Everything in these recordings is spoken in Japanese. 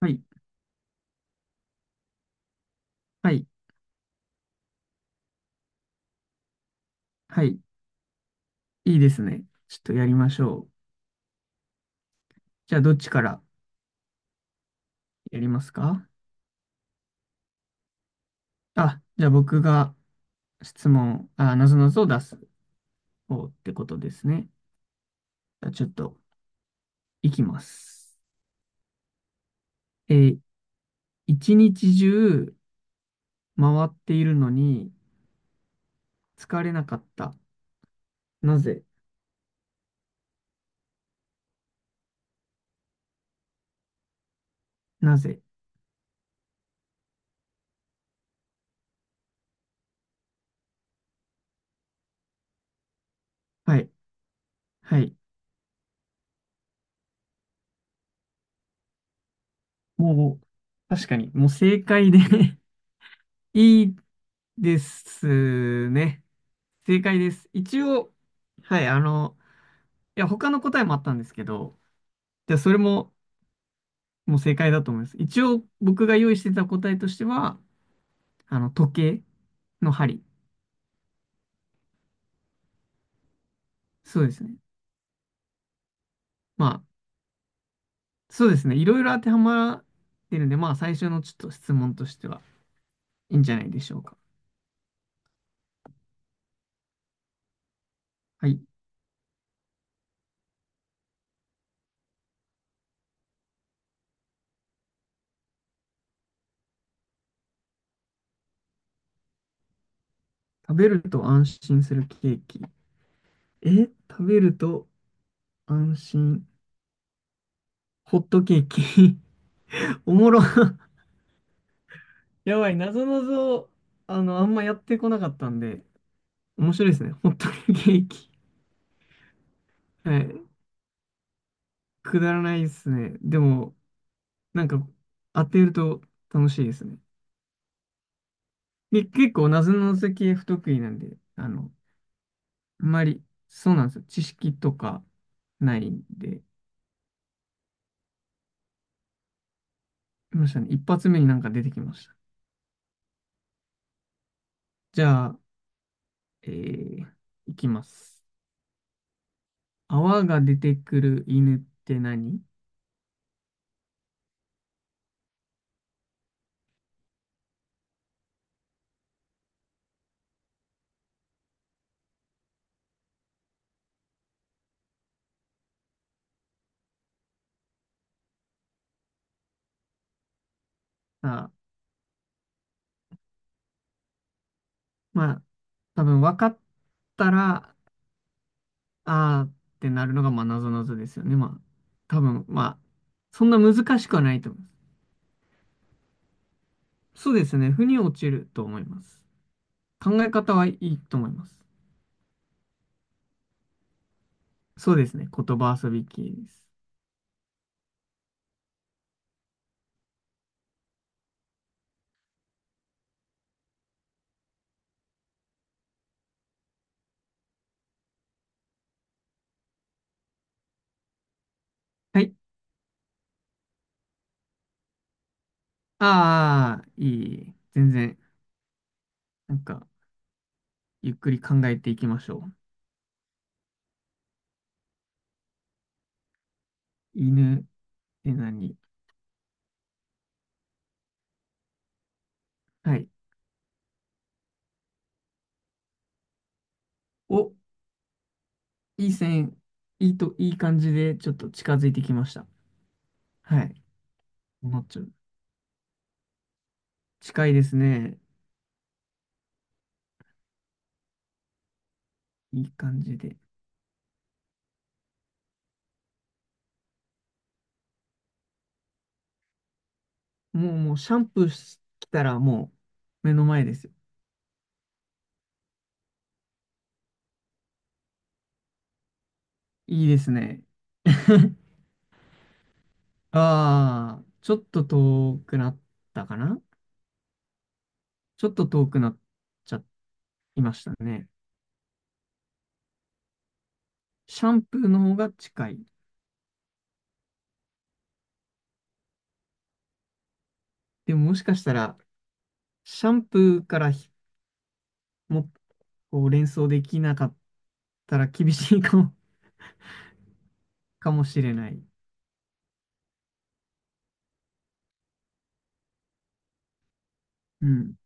はい、はい、はい、いいですね。ちょっとやりましょう。じゃあ、どっちからやりますか？あ、じゃあ僕が質問、あ、なぞなぞを出す方ってことですね。じゃあちょっと、いきます。えー一日中回っているのに疲れなかった。なぜ？なぜ？はい、はい。もう、確かに、もう正解で いいですね。正解です。一応、はい、いや、他の答えもあったんですけど、じゃあそれももう正解だと思います。一応僕が用意してた答えとしては、時計の針。そうですね。まあ、そうですね。いろいろ当てはまってるんで、まあ最初のちょっと質問としてはいいんじゃないでしょうか。はい。食べると安心するケーキ。え、食べると安心。ホットケーキ。おもろ。やばい。なぞなぞ、あんまやってこなかったんで、面白いですね。ホットケーキ。はい。くだらないですね。でも、なんか、当てると楽しいですね。で、結構、なぞなぞ系不得意なんで、あんまり、そうなんですよ。知識とかないんで、いましたね。一発目になんか出てきました。じゃあ、えー、いきます。泡が出てくる犬って何？さあ、まあ、多分分かったら、あーってなるのが、まあ、なぞなぞですよね。まあ、多分、まあ、そんな難しくはないと思う。そうですね。腑に落ちると思います。考え方はいいと思います。そうですね。言葉遊び系です。はい。ああ、いい。全然、なんか、ゆっくり考えていきましょう。犬って何？はい。お、いい線、いい感じで、ちょっと近づいてきました。はい。もうちょ、近いですね。いい感じで。もう、もう、シャンプーし、来たらもう、目の前ですよ。いいですね。ああ、ちょっと遠くなったかな？ちょっと遠くなっちゃいましたね。シャンプーの方が近い。でももしかしたら、シャンプーからも、こう連想できなかったら厳しいかも、かもしれない。うん。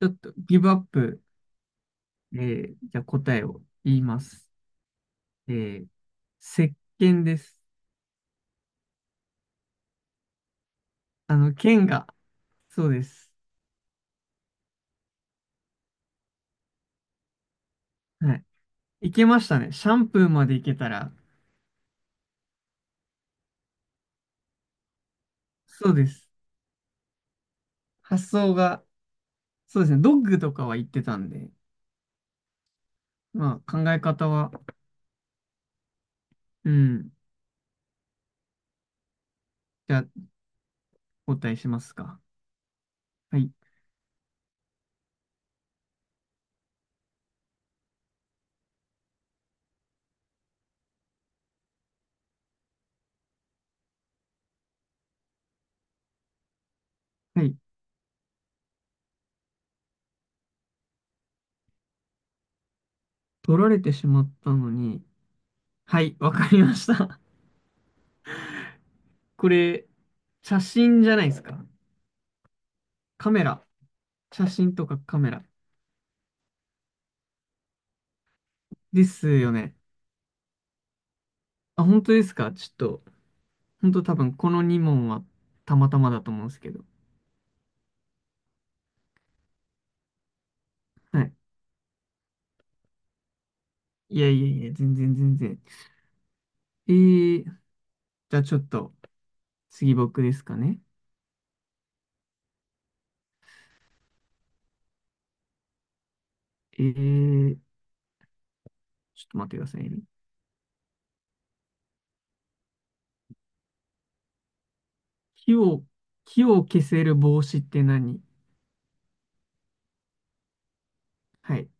ちょっとギブアップ。じゃあ答えを言います。えー、石鹸です。あの、剣が、そうです。はい。いけましたね。シャンプーまでいけたら、そうです。発想が、そうですね。ドッグとかは言ってたんで、まあ考え方は、うん。じゃあ、お答えしますか。はい。はい。取られてしまったのに。はい、わかりました。これ、写真じゃないですか。カメラ。写真とかカメラ。ですよね。あ、本当ですか？ちょっと、本当多分この2問はたまたまだと思うんですけど。はい。いやいやいや、全然全然。えーじゃあちょっと、次僕ですかね。えー、ちょっと待ってくださいね。火を、火を消せる帽子って何？はい。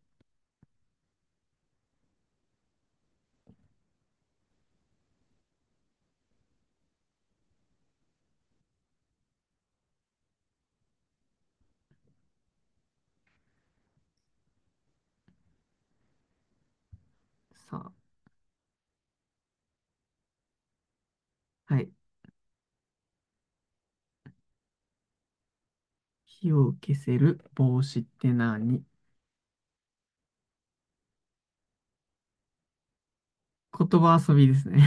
さあ、はい。火を消せる帽子って何？言葉遊びですね。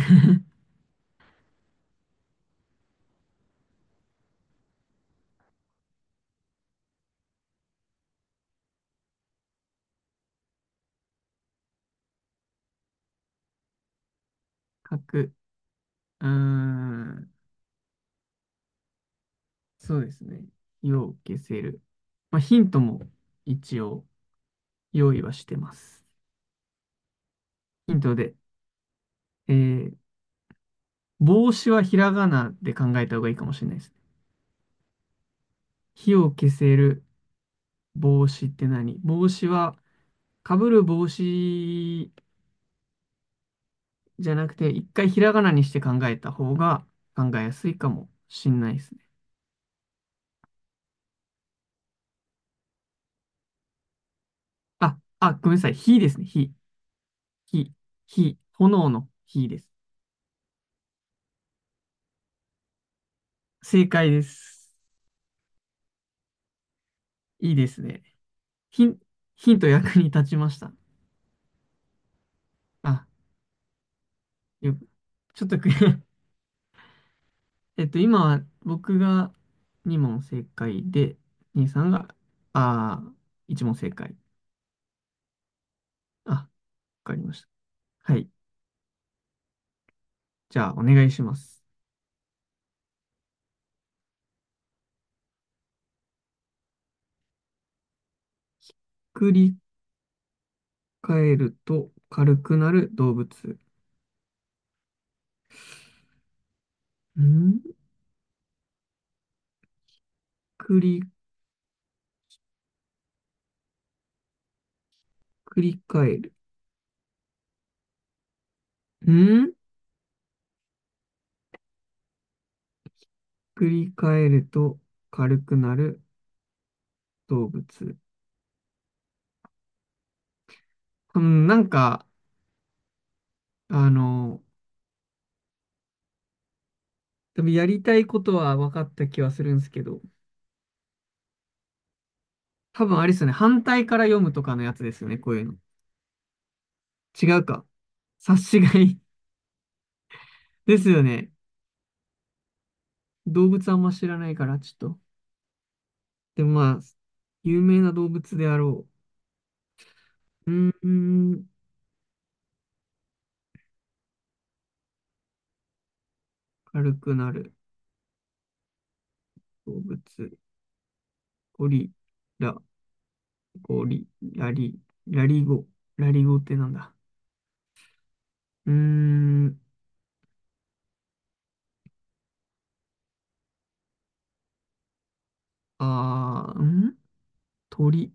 書く。うーん、そうですね。火を消せる。まあ、ヒントも一応用意はしてます。ヒントで、えー、帽子はひらがなで考えた方がいいかもしれないですね。火を消せる帽子って何帽子は、かぶる帽子じゃなくて、一回ひらがなにして考えた方が考えやすいかもしんないですね。あ、あ、ごめんなさい。火ですね。火、火、炎の火です。正解です。いいですね。ヒン、ヒント役に立ちました。あ、よく、ちょっとく えっと、今は僕が2問正解で、兄さんが、あー、1問正解。あ、わかりました。はい。じゃあ、お願いします。繰り返ると軽くなる動物。ん、繰り、繰り返る。ん、繰り返ると軽くなる動物。うん、なんか、あの、多分やりたいことは分かった気はするんですけど、多分あれですよね。反対から読むとかのやつですよね。こういうの。違うか。察しがいい ですよね。動物あんま知らないから、ちょっと。でもまあ、有名な動物であろう。うーん。軽くなる動物。ゴリラ、ゴリ、ラリ、ラリゴ。ラリゴってなんだ。うーん、あー、ん、鳥。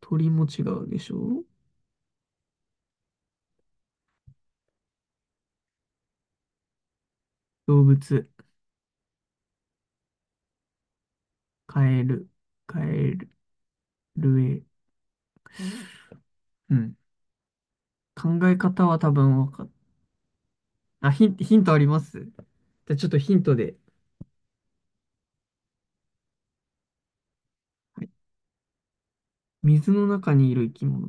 鳥も違うでしょ？動物。カエル、カエル、ルエ。うん。考え方は多分わかっ、あ、ヒントありますじゃあちょっとヒントで。はい、水の中にいる生き物。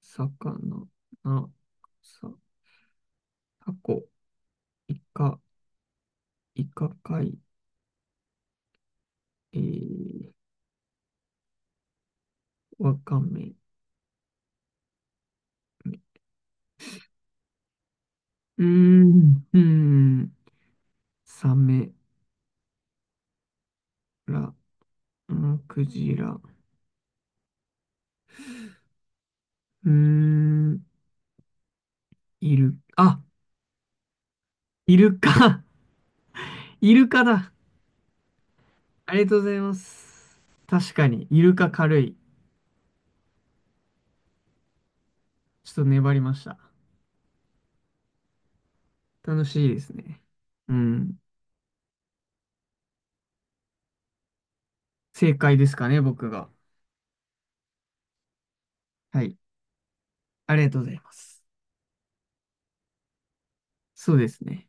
魚、な、さ、タコ、イカ、イカ貝、えー、わかめ、うーん、うーん、サメラ、うん、クジラ、うーん、イル、あ、イルカ、イルカだ。ありがとうございます。確かに、イルカ軽い。ちょっと粘りました。楽しいですね。うん、正解ですかね、僕が。はい、ありがとうございます。そうですね。